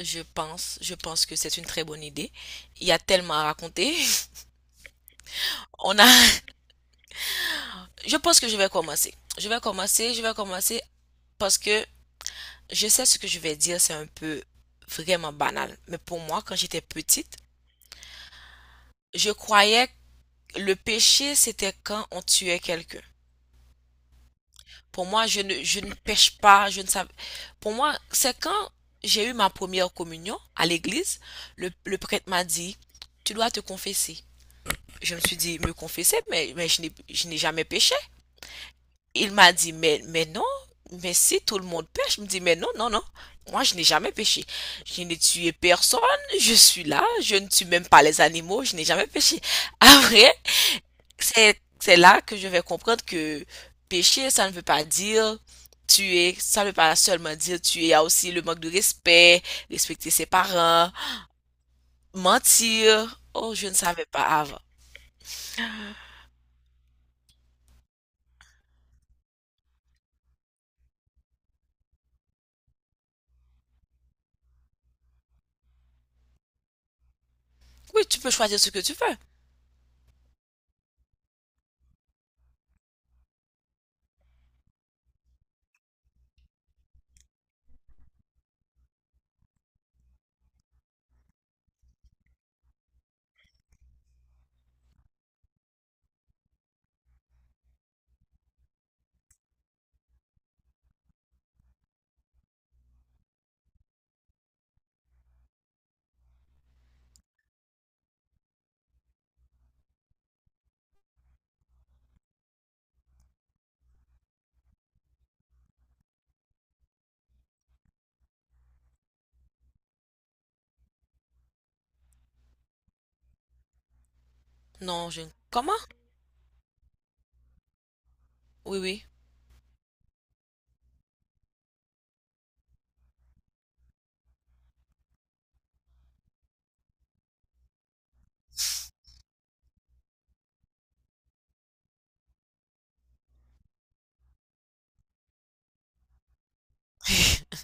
Je pense que c'est une très bonne idée. Il y a tellement à raconter. On a, je pense que je vais commencer. Je vais commencer parce que je sais ce que je vais dire, c'est un peu vraiment banal. Mais pour moi, quand j'étais petite, je croyais que le péché, c'était quand on tuait quelqu'un. Pour moi, je ne pêche pas, je ne savais. Pour moi, c'est quand j'ai eu ma première communion à l'église, le prêtre m'a dit, tu dois te confesser. Je me suis dit, me confesser, mais je n'ai jamais péché. Il m'a dit, mais non, mais si tout le monde pêche, je me dis, mais non, non, non, moi je n'ai jamais péché. Je n'ai tué personne, je suis là, je ne tue même pas les animaux, je n'ai jamais péché. Après, c'est là que je vais comprendre que pécher, ça ne veut pas dire tuer, ça ne veut pas seulement dire tuer, il y a aussi le manque de respect, respecter ses parents, mentir. Oh, je ne savais pas avant. Oui, tu peux choisir ce que tu veux. Non, je... Comment? Oui, oui.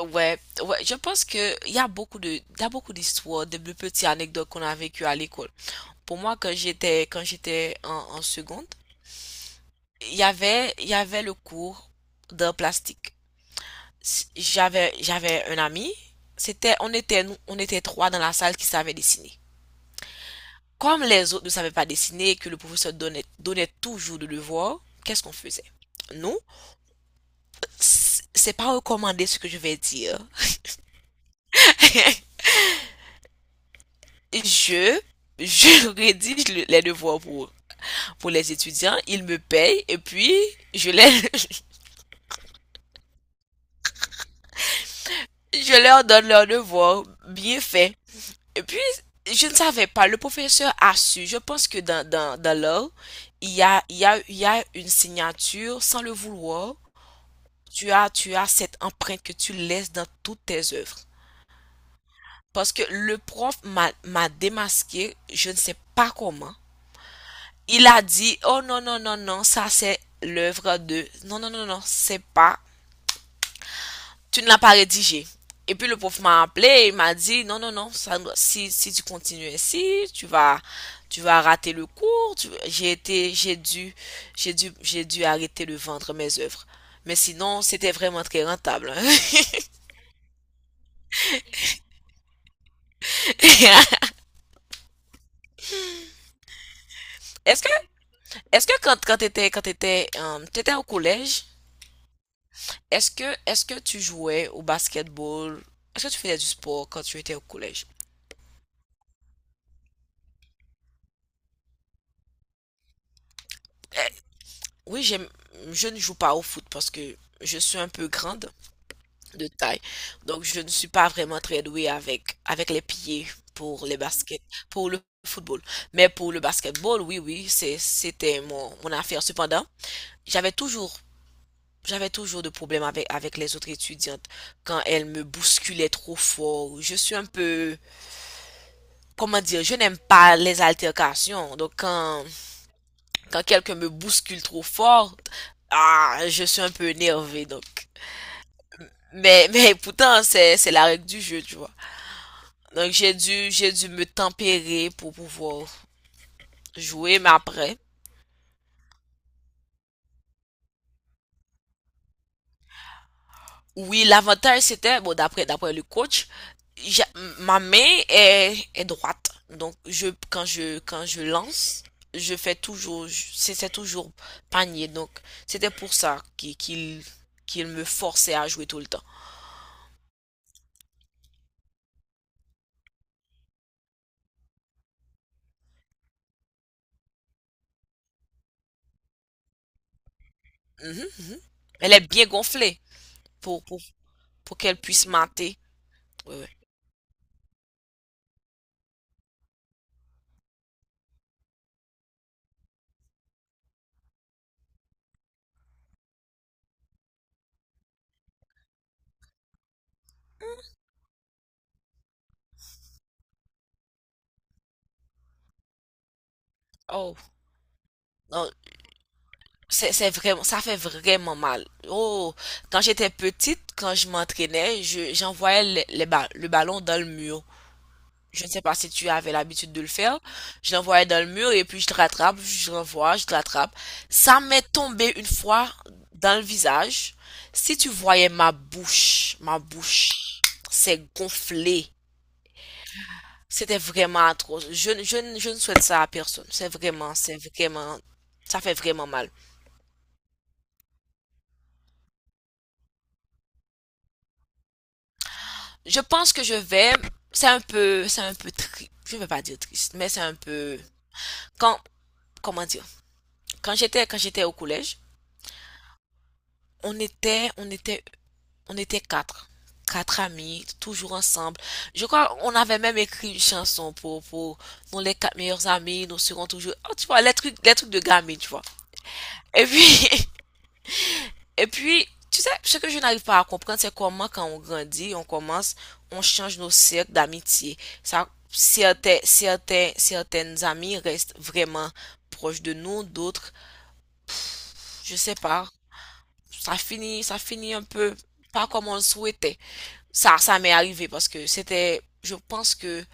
Ouais, ouais, je pense que il y a beaucoup de, il y a beaucoup d'histoires, de petites anecdotes qu'on a vécues à l'école. Pour moi, quand j'étais en, en seconde, il y avait le cours de plastique. J'avais un ami. C'était, on était, on était trois dans la salle qui savaient dessiner. Comme les autres ne savaient pas dessiner et que le professeur donnait toujours le devoir, qu'est-ce qu'on faisait? Nous, c'est pas recommandé ce que je vais dire, je, je rédige les devoirs pour les étudiants, ils me payent et puis je, les, je leur donne leurs devoirs bien faits. Et puis, je ne savais pas, le professeur a su, je pense que dans l'or, il y a, il y a, il y a une signature sans le vouloir. Tu as cette empreinte que tu laisses dans toutes tes œuvres. Parce que le prof m'a démasqué, je ne sais pas comment. Il a dit, oh non, non, non, non, ça c'est l'œuvre de... Non, non, non, non, c'est pas... Tu ne l'as pas rédigé. Et puis le prof m'a appelé et il m'a dit, non, non, non, ça- si, si tu continues ainsi, tu vas rater le cours. J'ai été, j'ai dû, j'ai dû arrêter de vendre mes œuvres. Mais sinon, c'était vraiment très rentable. Est-ce que, est-ce que quand, t'étais au collège, est-ce que tu jouais au basketball? Est-ce que tu faisais du sport quand tu étais au collège? Oui, j'aime, je ne joue pas au foot parce que je suis un peu grande de taille. Donc, je ne suis pas vraiment très douée avec, avec les pieds pour les baskets, pour le football. Mais pour le basketball, oui, oui, c'est, c'était mon, mon affaire. Cependant, j'avais toujours, j'avais toujours de problèmes avec, avec les autres étudiantes quand elles me bousculaient trop fort. Je suis un peu, comment dire, je n'aime pas les altercations. Donc, quand, quand quelqu'un me bouscule trop fort, ah, je suis un peu énervée. Donc, mais, mais pourtant, c'est la règle du jeu, tu vois. Donc, j'ai dû, me tempérer pour pouvoir jouer, mais après. Oui, l'avantage, c'était, bon, d'après le coach, j'a- ma main est, est droite. Donc, je, quand je, quand je lance, je fais toujours, c'est toujours panier. Donc, c'était pour ça qu'il me forçait à jouer tout le temps. Mhm. Elle est bien gonflée pour, pour, pour qu'elle puisse mater. Ouais, ouais. Oh, non, c'est vraiment, ça fait vraiment mal. Oh, quand j'étais petite, quand je m'entraînais, je, j'envoyais le, le ballon dans le mur. Je ne sais pas si tu avais l'habitude de le faire. Je l'envoyais dans le mur et puis je te rattrape, je l'envoie, je te rattrape. Ça m'est tombé une fois dans le visage. Si tu voyais ma bouche, c'est gonflé. C'était vraiment atroce. Je, je, je ne souhaite ça à personne. C'est vraiment, ça fait vraiment mal. Je pense que je vais, c'est un peu triste, je vais pas dire triste, mais c'est un peu, quand, comment dire, quand j'étais au collège, on était, on était, on était quatre, quatre amis, toujours ensemble. Je crois, on avait même écrit une chanson pour, nous les quatre meilleurs amis, nous serons toujours, oh, tu vois, les trucs de gamins, tu vois. Et puis, et puis, tu sais, ce que je n'arrive pas à comprendre, c'est comment quand on grandit, on commence, on change nos cercles d'amitié. Ça, certains, certains, certaines amies restent vraiment proches de nous, d'autres, je sais pas, ça finit un peu pas comme on le souhaitait. Ça m'est arrivé parce que c'était, je pense que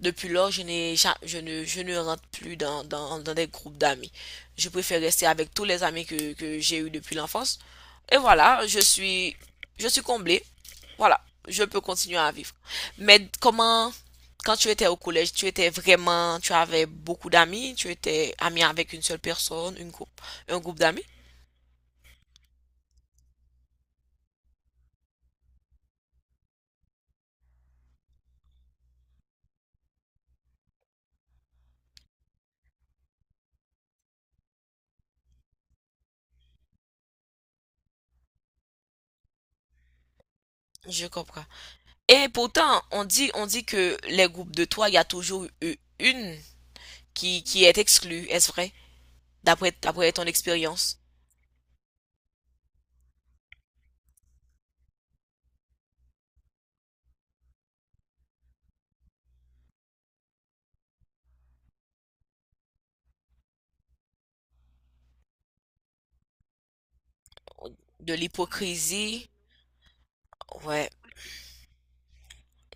depuis lors, je n'ai, je ne rentre plus dans, dans des groupes d'amis. Je préfère rester avec tous les amis que j'ai eus depuis l'enfance. Et voilà, je suis comblée. Voilà, je peux continuer à vivre. Mais comment, quand tu étais au collège, tu étais vraiment, tu avais beaucoup d'amis, tu étais ami avec une seule personne, une groupe, un groupe d'amis? Je comprends. Et pourtant, on dit que les groupes de trois, il y a toujours eu une qui est exclue, est-ce vrai? D'après ton expérience de l'hypocrisie, ouais.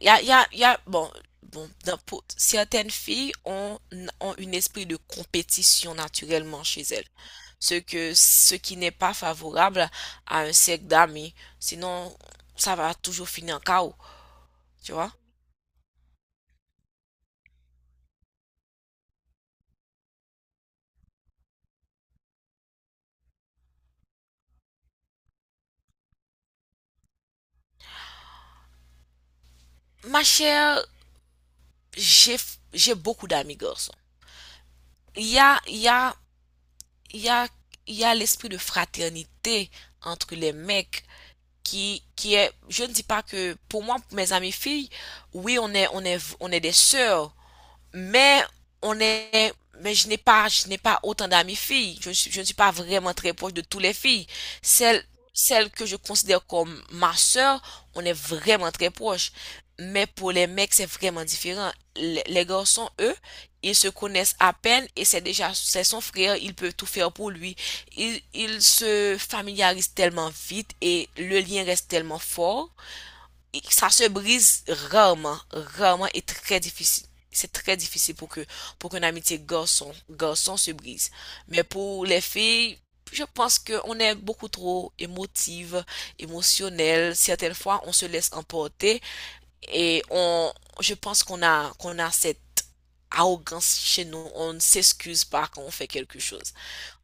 Il y a, il y a, il y a, bon, bon, certaines filles ont, ont un esprit de compétition naturellement chez elles, ce qui n'est pas favorable à un cercle d'amis. Sinon, ça va toujours finir en chaos, tu vois. Ma chère, j'ai, j'ai beaucoup d'amis garçons. Il y a, il y a, il y a, il y a l'esprit de fraternité entre les mecs qui est, je ne dis pas que, pour moi, mes amies filles, oui, on est des sœurs, mais on est, mais je n'ai pas autant d'amis filles. Je ne suis pas vraiment très proche de toutes les filles. Celles, celles que je considère comme ma sœur, on est vraiment très proche. Mais pour les mecs, c'est vraiment différent. Les garçons, eux, ils se connaissent à peine et c'est déjà, c'est son frère, il peut tout faire pour lui. Ils se familiarisent tellement vite et le lien reste tellement fort et ça se brise rarement, rarement et très difficile. C'est très difficile pour que pour qu'une amitié garçon garçon se brise. Mais pour les filles, je pense que on est beaucoup trop émotive, émotionnelle. Certaines fois, on se laisse emporter et on, je pense qu'on a cette arrogance chez nous. On ne s'excuse pas quand on fait quelque chose.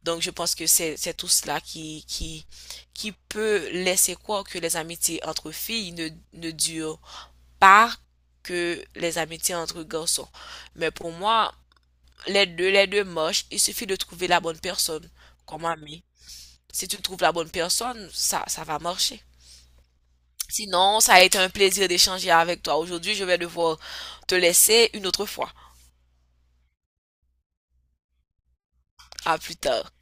Donc, je pense que c'est tout cela qui peut laisser croire que les amitiés entre filles ne durent pas que les amitiés entre garçons. Mais pour moi, les deux marchent. Il suffit de trouver la bonne personne comme ami. Si tu trouves la bonne personne, ça va marcher. Sinon, ça a été un plaisir d'échanger avec toi aujourd'hui. Je vais devoir te laisser une autre fois. À plus tard.